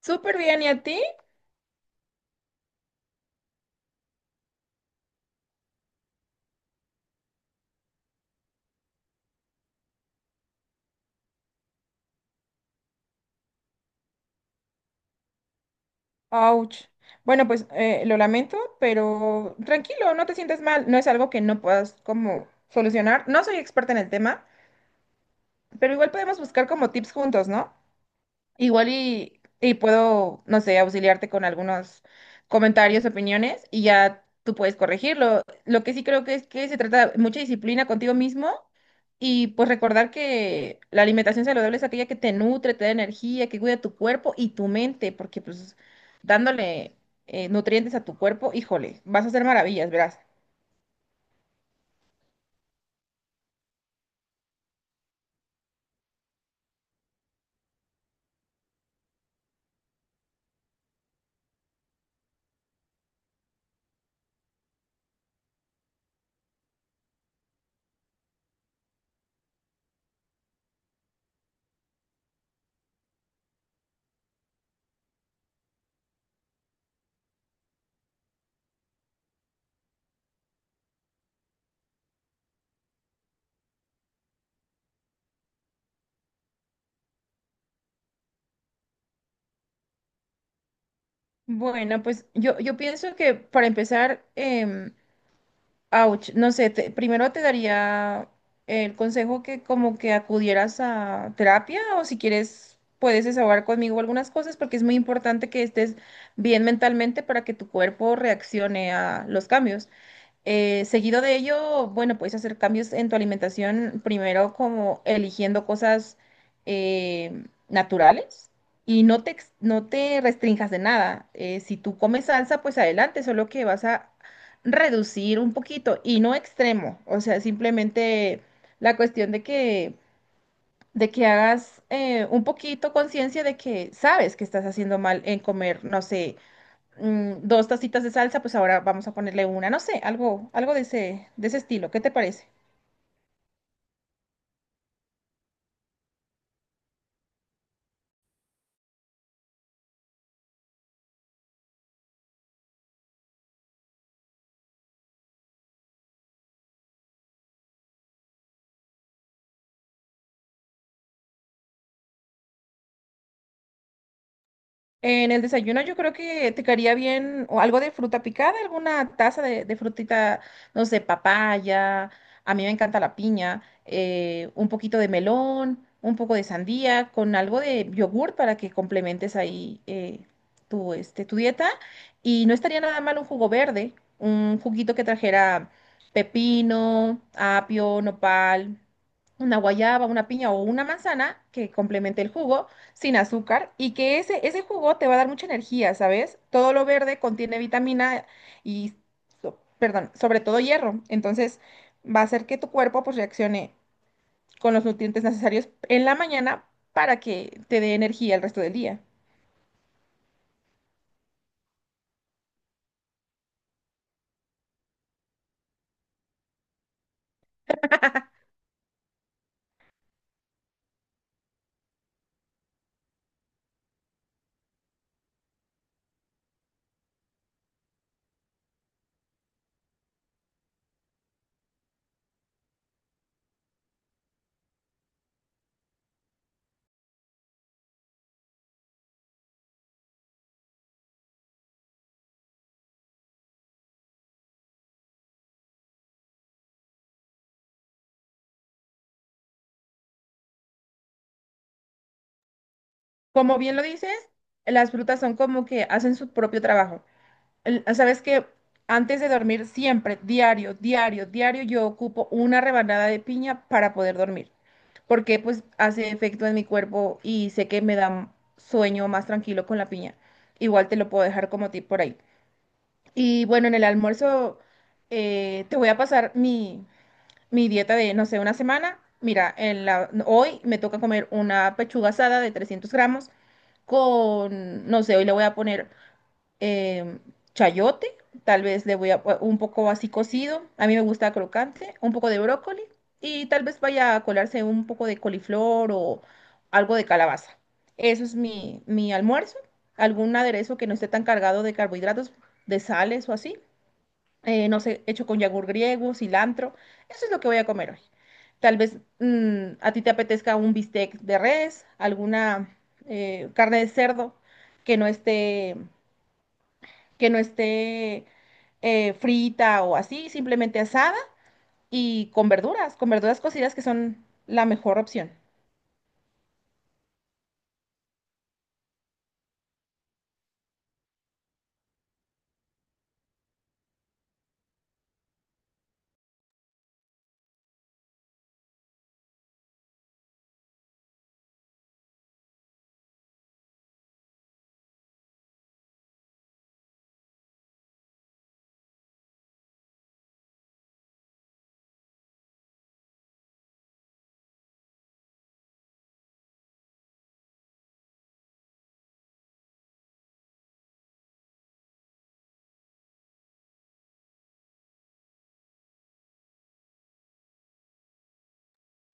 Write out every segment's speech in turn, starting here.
Súper bien, ¿y a ti? Ouch. Bueno, pues lo lamento, pero tranquilo, no te sientas mal. No es algo que no puedas como solucionar. No soy experta en el tema, pero igual podemos buscar como tips juntos, ¿no? Igual y puedo, no sé, auxiliarte con algunos comentarios, opiniones y ya tú puedes corregirlo. Lo que sí creo que es que se trata de mucha disciplina contigo mismo y pues recordar que la alimentación saludable es aquella que te nutre, te da energía, que cuida tu cuerpo y tu mente, porque pues dándole nutrientes a tu cuerpo, híjole, vas a hacer maravillas, verás. Bueno, pues yo pienso que para empezar, ouch, no sé, primero te daría el consejo que como que acudieras a terapia o si quieres puedes desahogar conmigo algunas cosas porque es muy importante que estés bien mentalmente para que tu cuerpo reaccione a los cambios. Seguido de ello, bueno, puedes hacer cambios en tu alimentación, primero como eligiendo cosas naturales y no te restrinjas de nada. Si tú comes salsa, pues adelante, solo que vas a reducir un poquito y no extremo. O sea, simplemente la cuestión de que hagas un poquito conciencia de que sabes que estás haciendo mal en comer, no sé dos tacitas de salsa, pues ahora vamos a ponerle una, no sé, algo de de ese estilo. ¿Qué te parece? En el desayuno yo creo que te quedaría bien o algo de fruta picada, alguna taza de frutita, no sé, papaya, a mí me encanta la piña, un poquito de melón, un poco de sandía, con algo de yogur para que complementes ahí tu dieta. Y no estaría nada mal un jugo verde, un juguito que trajera pepino, apio, nopal, una guayaba, una piña o una manzana que complemente el jugo sin azúcar y que ese jugo te va a dar mucha energía, ¿sabes? Todo lo verde contiene vitamina y, perdón, sobre todo hierro. Entonces va a hacer que tu cuerpo pues reaccione con los nutrientes necesarios en la mañana para que te dé energía el resto del día. Como bien lo dices, las frutas son como que hacen su propio trabajo. Sabes que antes de dormir, siempre, diario, diario, diario, yo ocupo una rebanada de piña para poder dormir, porque pues hace efecto en mi cuerpo y sé que me da sueño más tranquilo con la piña. Igual te lo puedo dejar como tip por ahí. Y bueno, en el almuerzo te voy a pasar mi dieta de, no sé, una semana. Mira, hoy me toca comer una pechuga asada de 300 gramos con, no sé, hoy le voy a poner em, chayote, tal vez le voy a un poco así cocido, a mí me gusta crocante, un poco de brócoli y tal vez vaya a colarse un poco de coliflor o algo de calabaza. Eso es mi almuerzo, algún aderezo que no esté tan cargado de carbohidratos, de sales o así, no sé, hecho con yogur griego, cilantro, eso es lo que voy a comer hoy. Tal vez a ti te apetezca un bistec de res, alguna carne de cerdo que no esté que no esté frita o así, simplemente asada y con verduras cocidas que son la mejor opción.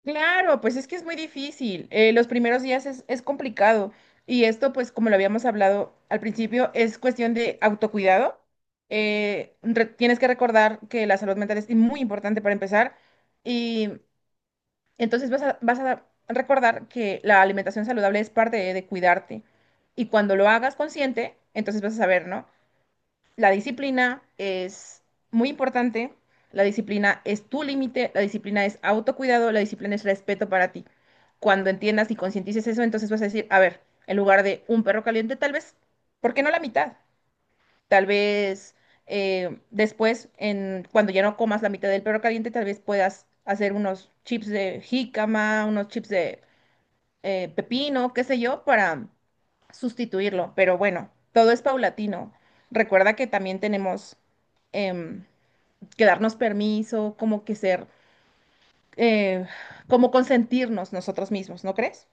Claro, pues es que es muy difícil. Los primeros días es complicado. Y esto, pues como lo habíamos hablado al principio, es cuestión de autocuidado. Tienes que recordar que la salud mental es muy importante para empezar. Y entonces vas a recordar que la alimentación saludable es parte de cuidarte. Y cuando lo hagas consciente, entonces vas a saber, ¿no? La disciplina es muy importante. La disciplina es tu límite, la disciplina es autocuidado, la disciplina es respeto para ti. Cuando entiendas y concientices eso, entonces vas a decir, a ver, en lugar de un perro caliente, tal vez, ¿por qué no la mitad? Tal vez cuando ya no comas la mitad del perro caliente, tal vez puedas hacer unos chips de jícama, unos chips de pepino, qué sé yo, para sustituirlo. Pero bueno, todo es paulatino. Recuerda que también tenemos em, que darnos permiso, como que eh, como consentirnos nosotros mismos, ¿no crees?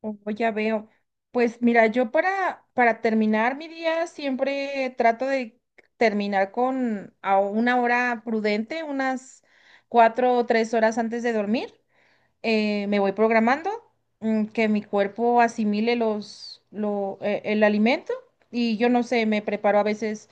Oh, ya veo. Pues mira, yo para terminar mi día siempre trato de terminar con a una hora prudente, unas cuatro o tres horas antes de dormir. Me voy programando, que mi cuerpo asimile el alimento y yo no sé, me preparo a veces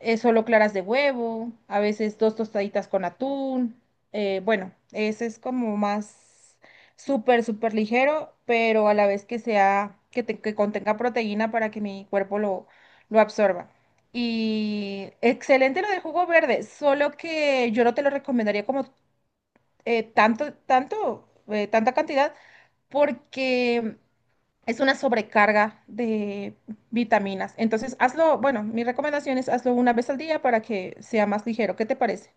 solo claras de huevo, a veces dos tostaditas con atún. Bueno, ese es como más súper, súper ligero, pero a la vez que sea, que contenga proteína para que mi cuerpo lo absorba. Y excelente lo del jugo verde, solo que yo no te lo recomendaría como tanta cantidad, porque es una sobrecarga de vitaminas. Entonces, mi recomendación es hazlo una vez al día para que sea más ligero. ¿Qué te parece?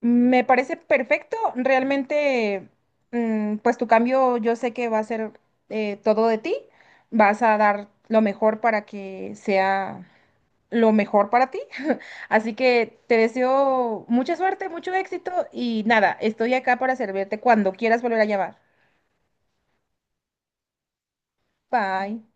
Me parece perfecto. Realmente, pues tu cambio yo sé que va a ser todo de ti. Vas a dar lo mejor para que sea lo mejor para ti. Así que te deseo mucha suerte, mucho éxito y nada, estoy acá para servirte cuando quieras volver a llamar. Bye.